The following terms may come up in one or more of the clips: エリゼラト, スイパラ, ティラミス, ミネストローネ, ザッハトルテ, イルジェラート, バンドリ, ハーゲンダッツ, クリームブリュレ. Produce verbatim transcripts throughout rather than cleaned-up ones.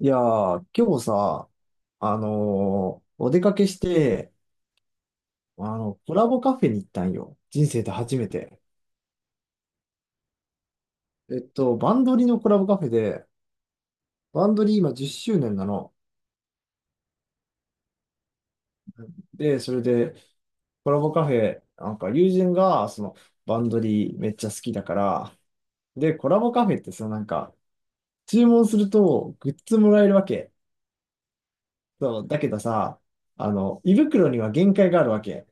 いやー、今日さ、あのーお出かけして、あの、コラボカフェに行ったんよ。人生で初めて。えっと、バンドリのコラボカフェで、バンドリ今じゅっしゅうねんなの。で、それで、コラボカフェ、なんか友人が、その、バンドリめっちゃ好きだから、で、コラボカフェってさ、なんか、注文するとグッズもらえるわけ。そう、だけどさ、あの、胃袋には限界があるわけ。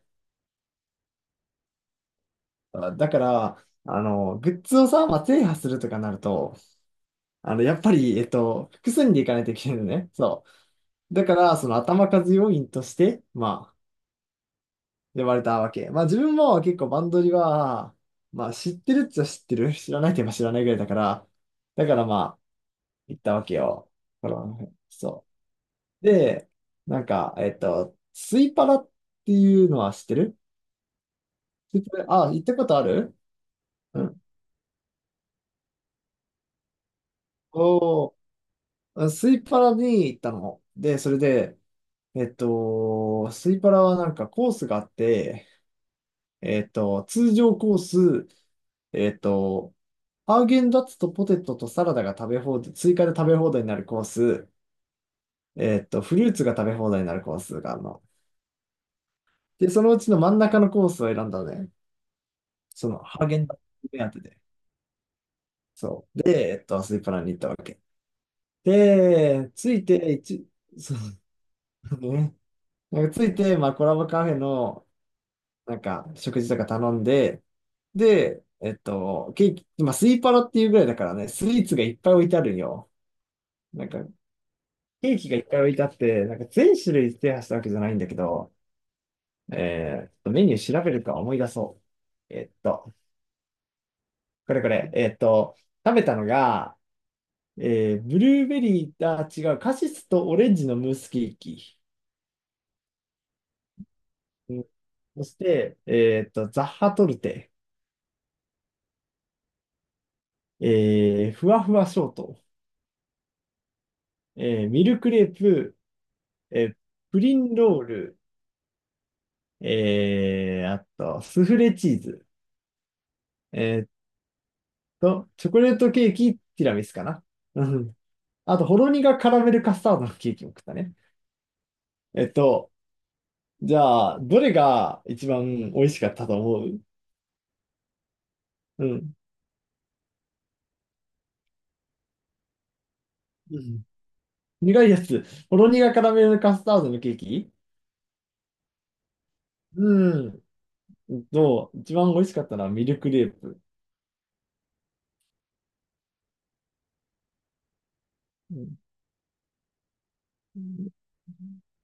あだから、あの、グッズをさ、まあ、制覇するとかなると、あの、やっぱり、えっと、複数人で行かないといけないのね。そう。だから、その頭数要員として、まあ、呼ばれたわけ。まあ、自分も結構バンドリは、まあ、知ってるっちゃ知ってる。知らないといえば知らないぐらいだから、だからまあ、行ったわけよ。このそう。で、なんか、えっと、スイパラっていうのは知ってる。スイパラ、あ、行ったことある？うん。おー、スイパラに行ったの。で、それで、えっと、スイパラはなんかコースがあって、えっと、通常コース、えっと、ハーゲンダッツとポテトとサラダが食べ放題、追加で食べ放題になるコース、えっと、フルーツが食べ放題になるコースがあるの。で、そのうちの真ん中のコースを選んだのね。その、ハーゲンダッツ目当てで。そう。で、えっと、スイパラに行ったわけ。で、ついて、一、そう、ね。なんかついて、まあ、コラボカフェの、なんか、食事とか頼んで、で、えっと、ケーキ、まあ、スイパラっていうぐらいだからね、スイーツがいっぱい置いてあるんよ。なんか、ケーキがいっぱい置いてあって、なんか全種類制覇したわけじゃないんだけど、えーっと、メニュー調べるか思い出そう。えっと、これこれ、えっと、食べたのが、えーブルーベリー、あ、違う、カシスとオレンジのムースケーキ。うん。そして、えっと、ザッハトルテ、えーふわふわショート、えーミルクレープ、えープリンロール、えー、あと、スフレチーズ、えーっと、チョコレートケーキ、ティラミスかな。うん。あと、ほろ苦カラメルカスタードのケーキも食ったね。えっと、じゃあ、どれが一番美味しかったと思う？うん。うん、苦いやつ。ほろ苦カラメルカスタードのケーキ？うん。どう？一番美味しかったのはミルクレープ。うん、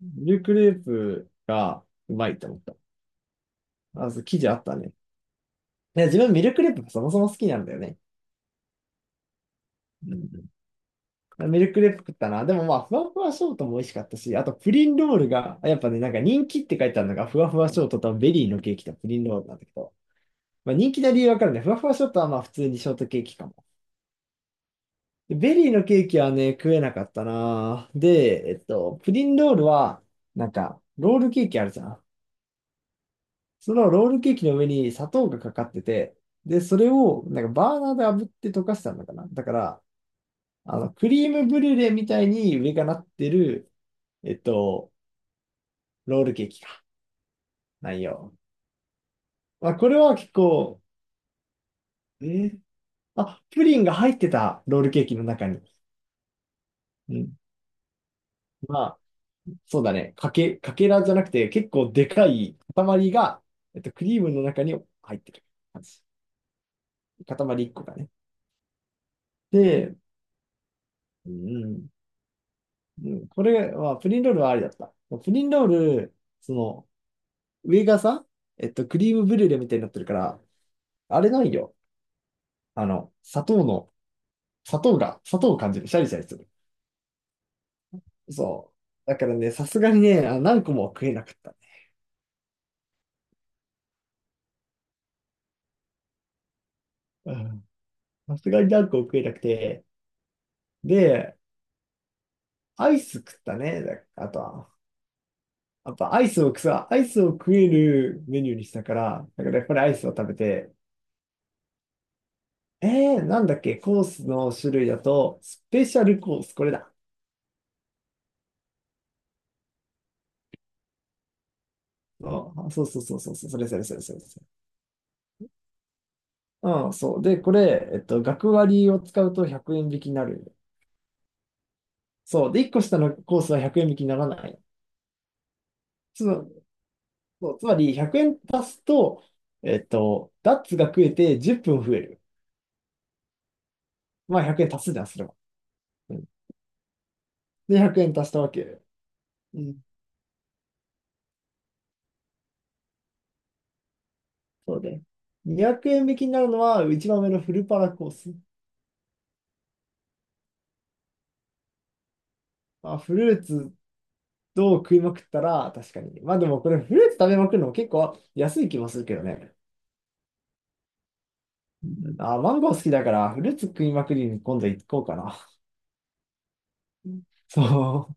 ミルクレープがうまいと思った。あ、そう、生地あったね。いや、自分ミルクレープがそもそも好きなんだよね。うん。ミルクレープ食ったな。でもまあ、ふわふわショートも美味しかったし、あとプリンロールが、やっぱね、なんか人気って書いてあるのが、ふわふわショートとベリーのケーキとプリンロールなんだけど、まあ人気な理由わかるね。ふわふわショートはまあ普通にショートケーキかも。でベリーのケーキはね、食えなかったな。で、えっと、プリンロールは、なんか、ロールケーキあるじゃん。そのロールケーキの上に砂糖がかかってて、で、それを、なんかバーナーで炙って溶かしたんだかな。だから、あの、クリームブリュレみたいに上がなってる、えっと、ロールケーキか。内容。まあ、これは結構、えーあ、プリンが入ってた、ロールケーキの中に。うん。まあ、そうだね。かけ、かけらじゃなくて、結構でかい塊が、えっと、クリームの中に入ってる感じ。塊一個がね。で、うん。うん、これは、プリンロールはありだった。プリンロール、その、上がさ、えっと、クリームブリュレみたいになってるから、あれないよ。あの、砂糖の、砂糖が、砂糖を感じる。シャリシャリする。そう。だからね、さすがにね、あ何個もは食えなかったね。うん、さすがに何個も食えなくて。で、アイス食ったね。だあとは。やっぱアイスをさ、アイスを食えるメニューにしたから、だからやっぱりアイスを食べて、えー、なんだっけ、コースの種類だと、スペシャルコース、これだ。あ、そうそうそうそう、そうそれそれそれそれそれ。うん、そう。で、これ、えっと、学割を使うとひゃくえん引きになる。そう。で、いっこ下のコースはひゃくえん引きにならない。つま、そう、つまり、ひゃくえん足すと、えっと、ダッツが食えてじゅっぷん増える。まあ、ひゃくえん足すじゃん、それは。うん、で、ひゃくえん足したわけ。うん、そうで。にひゃくえん引きになるのは、一番上のフルパラコース。まあ、フルーツと食いまくったら、確かに。まあ、でもこれ、フルーツ食べまくるのも結構安い気もするけどね。うん、あ、マンゴー好きだから、フルーツ食いまくりに今度行こうかな。うん、そ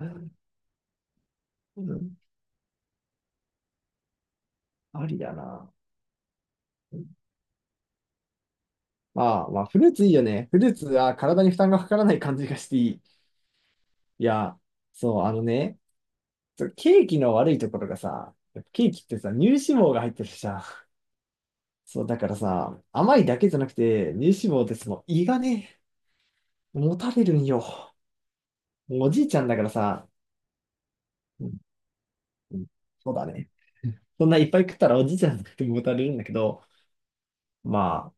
う。うん、ありだな。ああ、まあ、フルーツいいよね。フルーツは体に負担がかからない感じがしていい。いや、そう、あのね、そう、ケーキの悪いところがさ、ケーキってさ、乳脂肪が入ってるじゃん。そう、だからさ、甘いだけじゃなくて、乳脂肪ってその胃がね、もたれるんよ。もうおじいちゃんだからさ、うん、うん、そうだね。そんないっぱい食ったらおじいちゃんだってもたれるんだけど、まあ、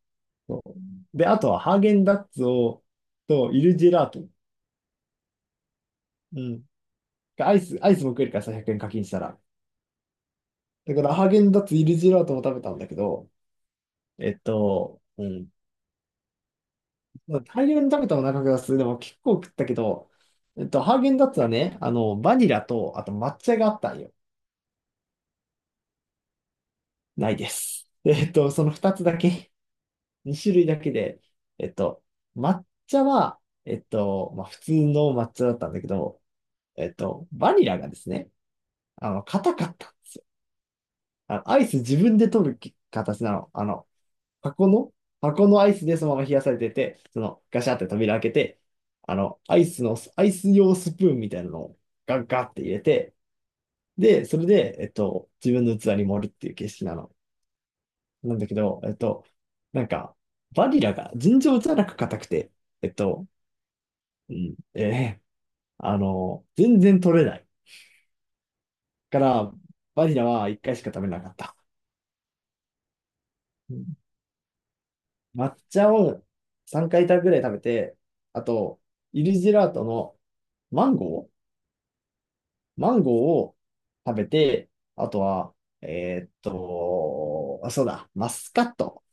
そうで、あとはハーゲンダッツを、と、イルジェラート。うん。アイス、アイスも食えるからさ、ひゃくえん課金したら。だからハーゲンダッツイルジェラートも食べたんだけど、えっと、うん。まあ大量に食べたお腹がする。でも結構食ったけど、えっと、ハーゲンダッツはね、あの、バニラと、あと抹茶があったんよ。ないです。えっと、そのふたつだけ、に種類だけで、えっと、抹茶は、えっと、まあ、普通の抹茶だったんだけど、えっと、バニラがですね、あの、硬かったんですよ。あの、アイス自分で取る形なの。あの、箱の、箱のアイスでそのまま冷やされてて、そのガシャって扉開けて、あの、アイスの、アイス用スプーンみたいなのをガッガッって入れて、で、それで、えっと、自分の器に盛るっていう形式なの。なんだけど、えっと、なんか、バニラが尋常じゃなく硬くて、えっと、うん、えーあの、全然取れない。から、バニラはいっかいしか食べなかった。うん、抹茶をさんかいぐらい食べて、あと、イルジェラートのマンゴー、マンゴーを食べて、あとは、えーっと、あ、そうだ、マスカット。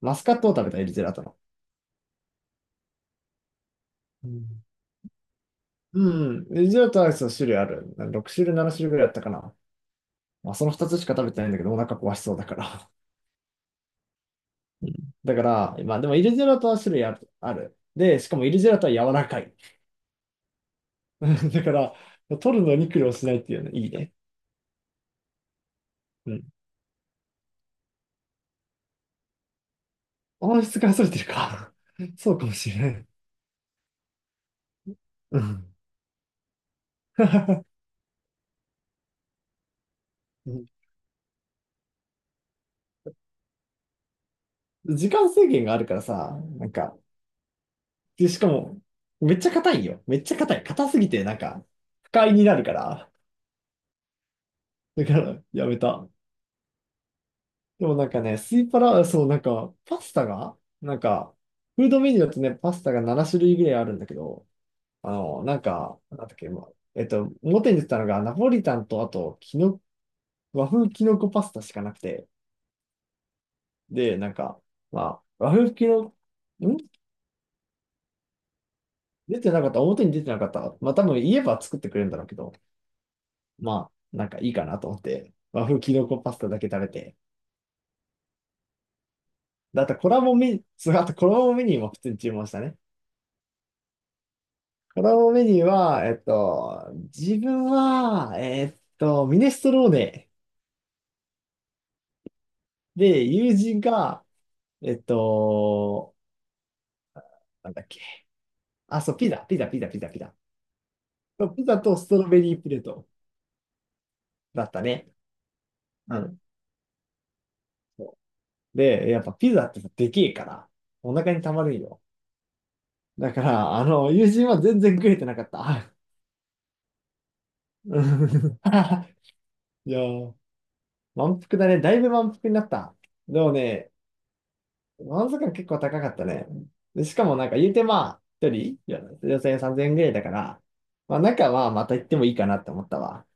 マスカットを食べた、エリゼラトの。うん。うん、エリゼラトアイスの種類ある。ろく種類、なな種類ぐらいあったかな。まあ、そのふたつしか食べてないんだけど、お腹壊しそうだから。うん、だから、まあでもエリゼラトは種類ある。ある。で、しかもエリゼラトは柔らかい。だから、取るのに苦労しないっていうのいいね。うん。音質が逸れてるか。そうかもしれない。うん。時間制限があるからさ、なんか、で、しかも、めっちゃ硬いよ。めっちゃ硬い。硬すぎて、なんか、不快になるから。だから、やめた。でもなんかね、スイパラ、そう、なんか、パスタが、なんか、フードメニューだとね、パスタがなな種類ぐらいあるんだけど、あの、なんか、なんだっけ、まあ、えっと、表に出てたのが、ナポリタンと、あと、きの、和風きのこパスタしかなくて、で、なんか、まあ、和風きの、ん、出てなかった、表に出てなかった。まあ、多分言えば作ってくれるんだろうけど、まあ、なんかいいかなと思って、和風キノコパスタだけ食べて。だってコラボメニュー、そう、あとコラボメニューも普通に注文したね。コラボメニューは、えっと、自分は、えっと、ミネストローネで、友人が、えっと、なんだっけ。あ、そう、ピザ、ピザ、ピザ、ピザ、ピザ。そうピザとストロベリープレートだったね。うん。そうで、やっぱピザってさでけえから、お腹にたまるんよ。だから、あの、友人は全然食えてなかった。う、いやー、満腹だね。だいぶ満腹になった。でもね、満足感結構高かったね。で、しかもなんか言うてまあ、一人、よよん ぜろ ぜろえん、さんぜんえんぐらいだから、まあなんかまあまた行ってもいいかなって思ったわ。